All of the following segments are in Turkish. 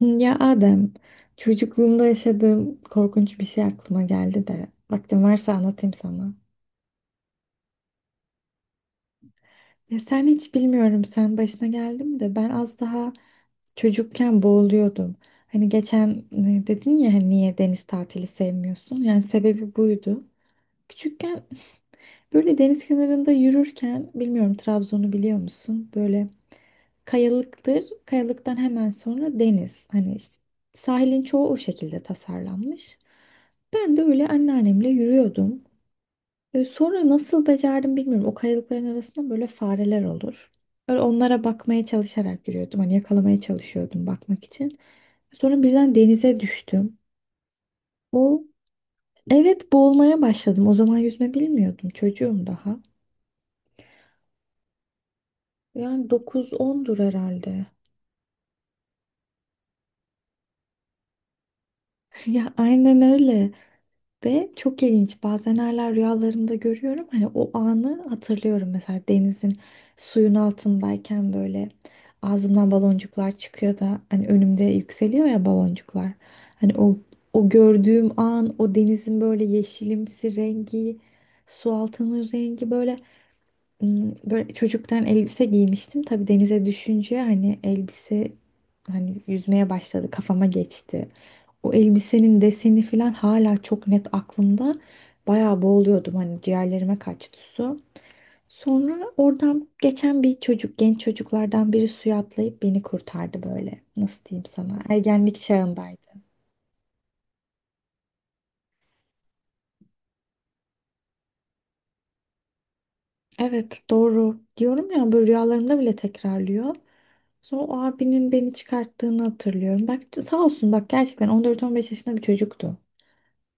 Ya Adem, çocukluğumda yaşadığım korkunç bir şey aklıma geldi de vaktin varsa anlatayım sana. Ya sen hiç bilmiyorum, sen başına geldi mi de ben az daha çocukken boğuluyordum. Hani geçen dedin ya hani niye deniz tatili sevmiyorsun? Yani sebebi buydu. Küçükken böyle deniz kenarında yürürken bilmiyorum Trabzon'u biliyor musun? Böyle kayalıktır. Kayalıktan hemen sonra deniz. Hani işte sahilin çoğu o şekilde tasarlanmış. Ben de öyle anneannemle yürüyordum. Sonra nasıl becerdim bilmiyorum. O kayalıkların arasında böyle fareler olur. Böyle onlara bakmaya çalışarak yürüyordum. Hani yakalamaya çalışıyordum bakmak için. Sonra birden denize düştüm. O, evet, boğulmaya başladım. O zaman yüzme bilmiyordum. Çocuğum daha. Yani dokuz ondur herhalde. Ya aynen öyle. Ve çok ilginç. Bazen hala rüyalarımda görüyorum. Hani o anı hatırlıyorum. Mesela denizin, suyun altındayken böyle ağzımdan baloncuklar çıkıyor da hani önümde yükseliyor ya baloncuklar. Hani o gördüğüm an, o denizin böyle yeşilimsi rengi, su altının rengi böyle. Böyle çocuktan elbise giymiştim. Tabii denize düşünce hani elbise, hani yüzmeye başladı, kafama geçti. O elbisenin deseni falan hala çok net aklımda. Bayağı boğuluyordum, hani ciğerlerime kaçtı su. Sonra oradan geçen bir çocuk, genç çocuklardan biri suya atlayıp beni kurtardı böyle. Nasıl diyeyim sana? Ergenlik çağındaydım. Evet, doğru. Diyorum ya, böyle rüyalarımda bile tekrarlıyor. Sonra o abinin beni çıkarttığını hatırlıyorum. Bak sağ olsun, bak gerçekten 14-15 yaşında bir çocuktu.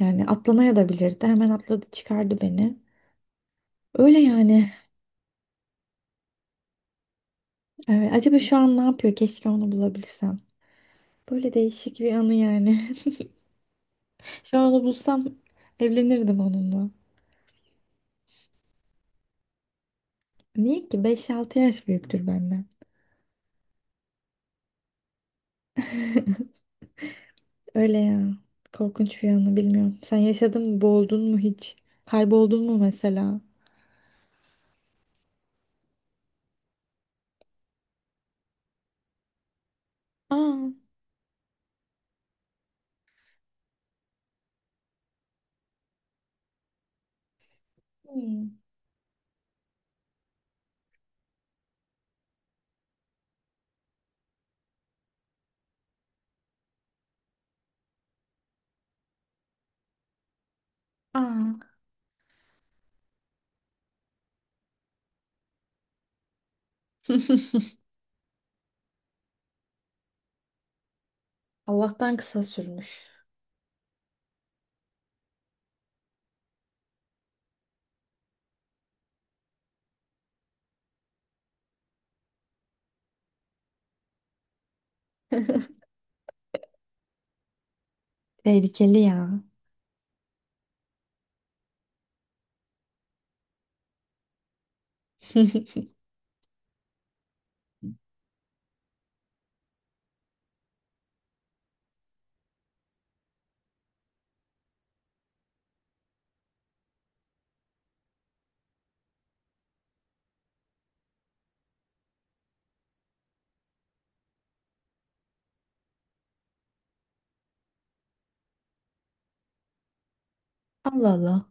Yani atlamaya da bilirdi. Hemen atladı, çıkardı beni. Öyle yani. Evet, acaba şu an ne yapıyor? Keşke onu bulabilsem. Böyle değişik bir anı yani. Şu an onu bulsam evlenirdim onunla. Niye ki? 5-6 yaş büyüktür benden. Öyle ya. Korkunç bir anı, bilmiyorum. Sen yaşadın mı? Boğuldun mu hiç? Kayboldun mu mesela? Aa. Hmm. Aa. Allah'tan kısa sürmüş. Tehlikeli ya. Allah Allah.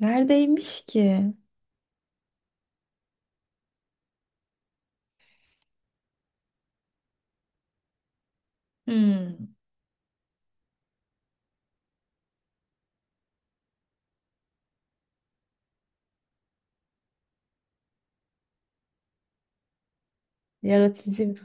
Neredeymiş ki? Hmm. Yaratıcı.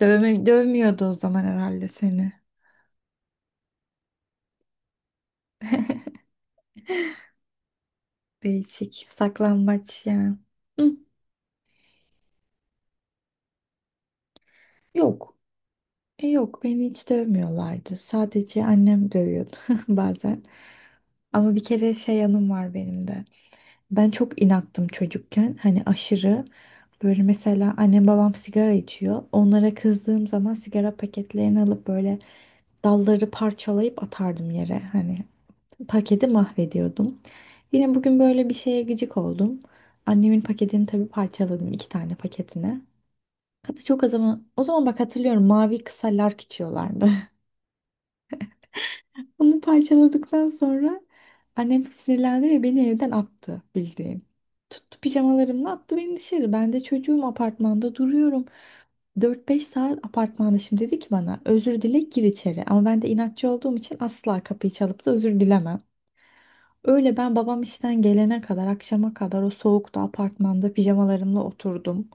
Dövme, dövmüyordu o zaman herhalde seni. Değişik. Saklambaç yani. Hı. Yok. Yok, beni hiç dövmüyorlardı. Sadece annem dövüyordu bazen. Ama bir kere şey anım var benim de. Ben çok inattım çocukken. Hani aşırı böyle, mesela annem babam sigara içiyor. Onlara kızdığım zaman sigara paketlerini alıp böyle dalları parçalayıp atardım yere. Hani paketi mahvediyordum. Yine bugün böyle bir şeye gıcık oldum. Annemin paketini tabii parçaladım, iki tane paketine. Hatta çok az zaman, o zaman bak hatırlıyorum mavi kısa lark içiyorlardı. Bunu parçaladıktan sonra annem sinirlendi ve beni evden attı bildiğin. Tuttu pijamalarımla attı beni dışarı. Ben de çocuğum, apartmanda duruyorum. Dört beş saat apartmanda, şimdi dedi ki bana özür dile gir içeri. Ama ben de inatçı olduğum için asla kapıyı çalıp da özür dilemem. Öyle, ben babam işten gelene kadar, akşama kadar o soğukta apartmanda pijamalarımla oturdum.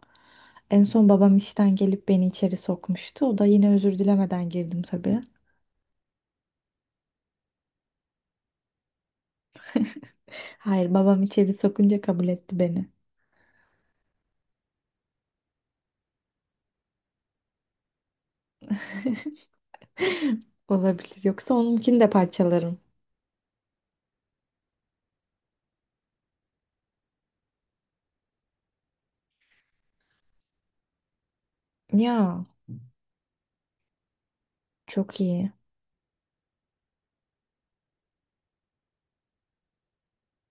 En son babam işten gelip beni içeri sokmuştu. O da yine özür dilemeden girdim tabii. Hayır, babam içeri sokunca kabul etti beni. Olabilir. Yoksa onunkini de parçalarım. Ya çok iyi.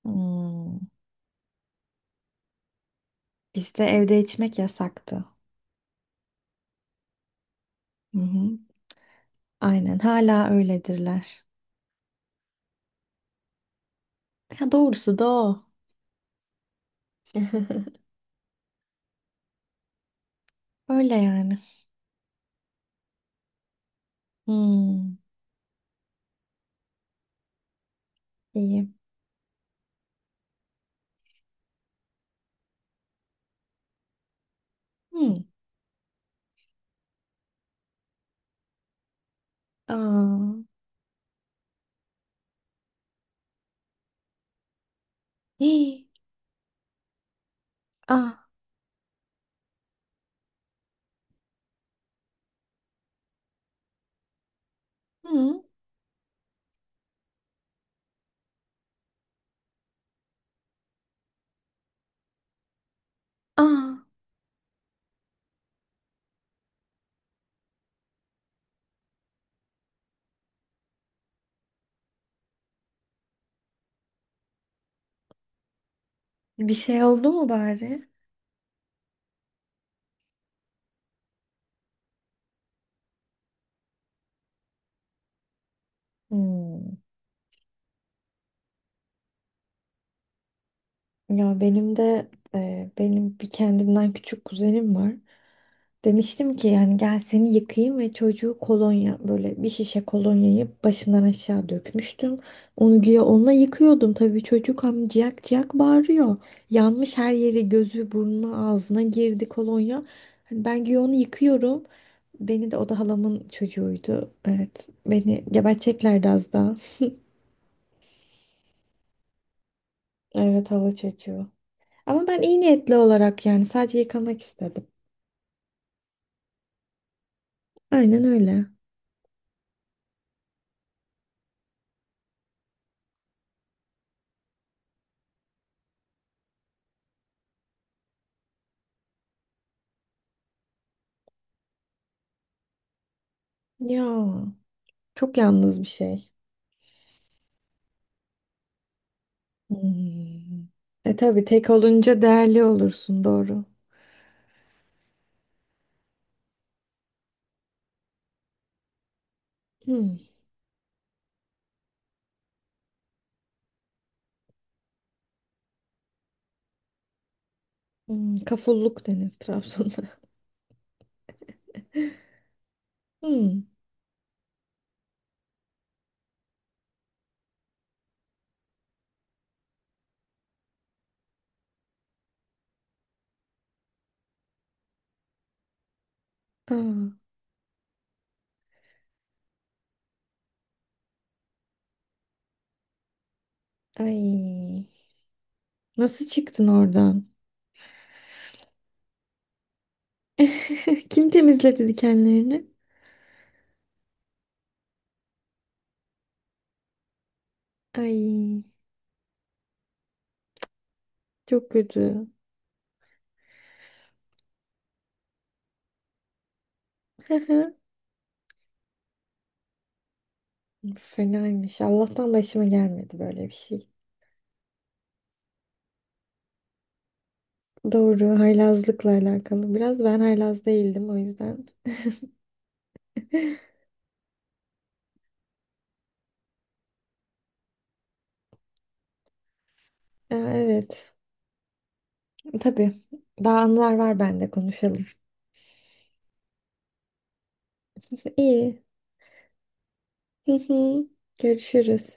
Hmm. Bizde evde içmek yasaktı. Hı hı. Aynen, hala öyledirler. Ya doğrusu da o. Öyle yani. Hmm. İyi. Hmm. Aa. Hii. Aa. Hmm. Aa. Bir şey oldu mu bari? Hmm. Ya benim de benim bir kendimden küçük kuzenim var. Demiştim ki yani gel seni yıkayayım ve çocuğu kolonya, böyle bir şişe kolonyayı başından aşağı dökmüştüm. Onu güya onunla yıkıyordum, tabii çocuk hem ciyak ciyak bağırıyor. Yanmış her yeri, gözü burnu ağzına girdi kolonya. Hani ben güya onu yıkıyorum. Beni de, o da halamın çocuğuydu. Evet, beni geberteceklerdi az daha. Evet, hala çocuğu. Ama ben iyi niyetli olarak yani sadece yıkamak istedim. Aynen öyle. Ya çok yalnız bir şey. Hmm. E tabii tek olunca değerli olursun, doğru. Hmm. Hmm, Kafulluk denir Trabzon'da. Hmm. Aa, ay. Nasıl çıktın oradan? Kim temizledi dikenlerini? Ay, çok kötü. Fenaymış. Allah'tan başıma gelmedi böyle bir şey. Doğru, haylazlıkla alakalı. Biraz ben haylaz değildim o yüzden. Aa, evet, tabii. Daha anılar var bende, konuşalım. İyi. Hı hı. Görüşürüz.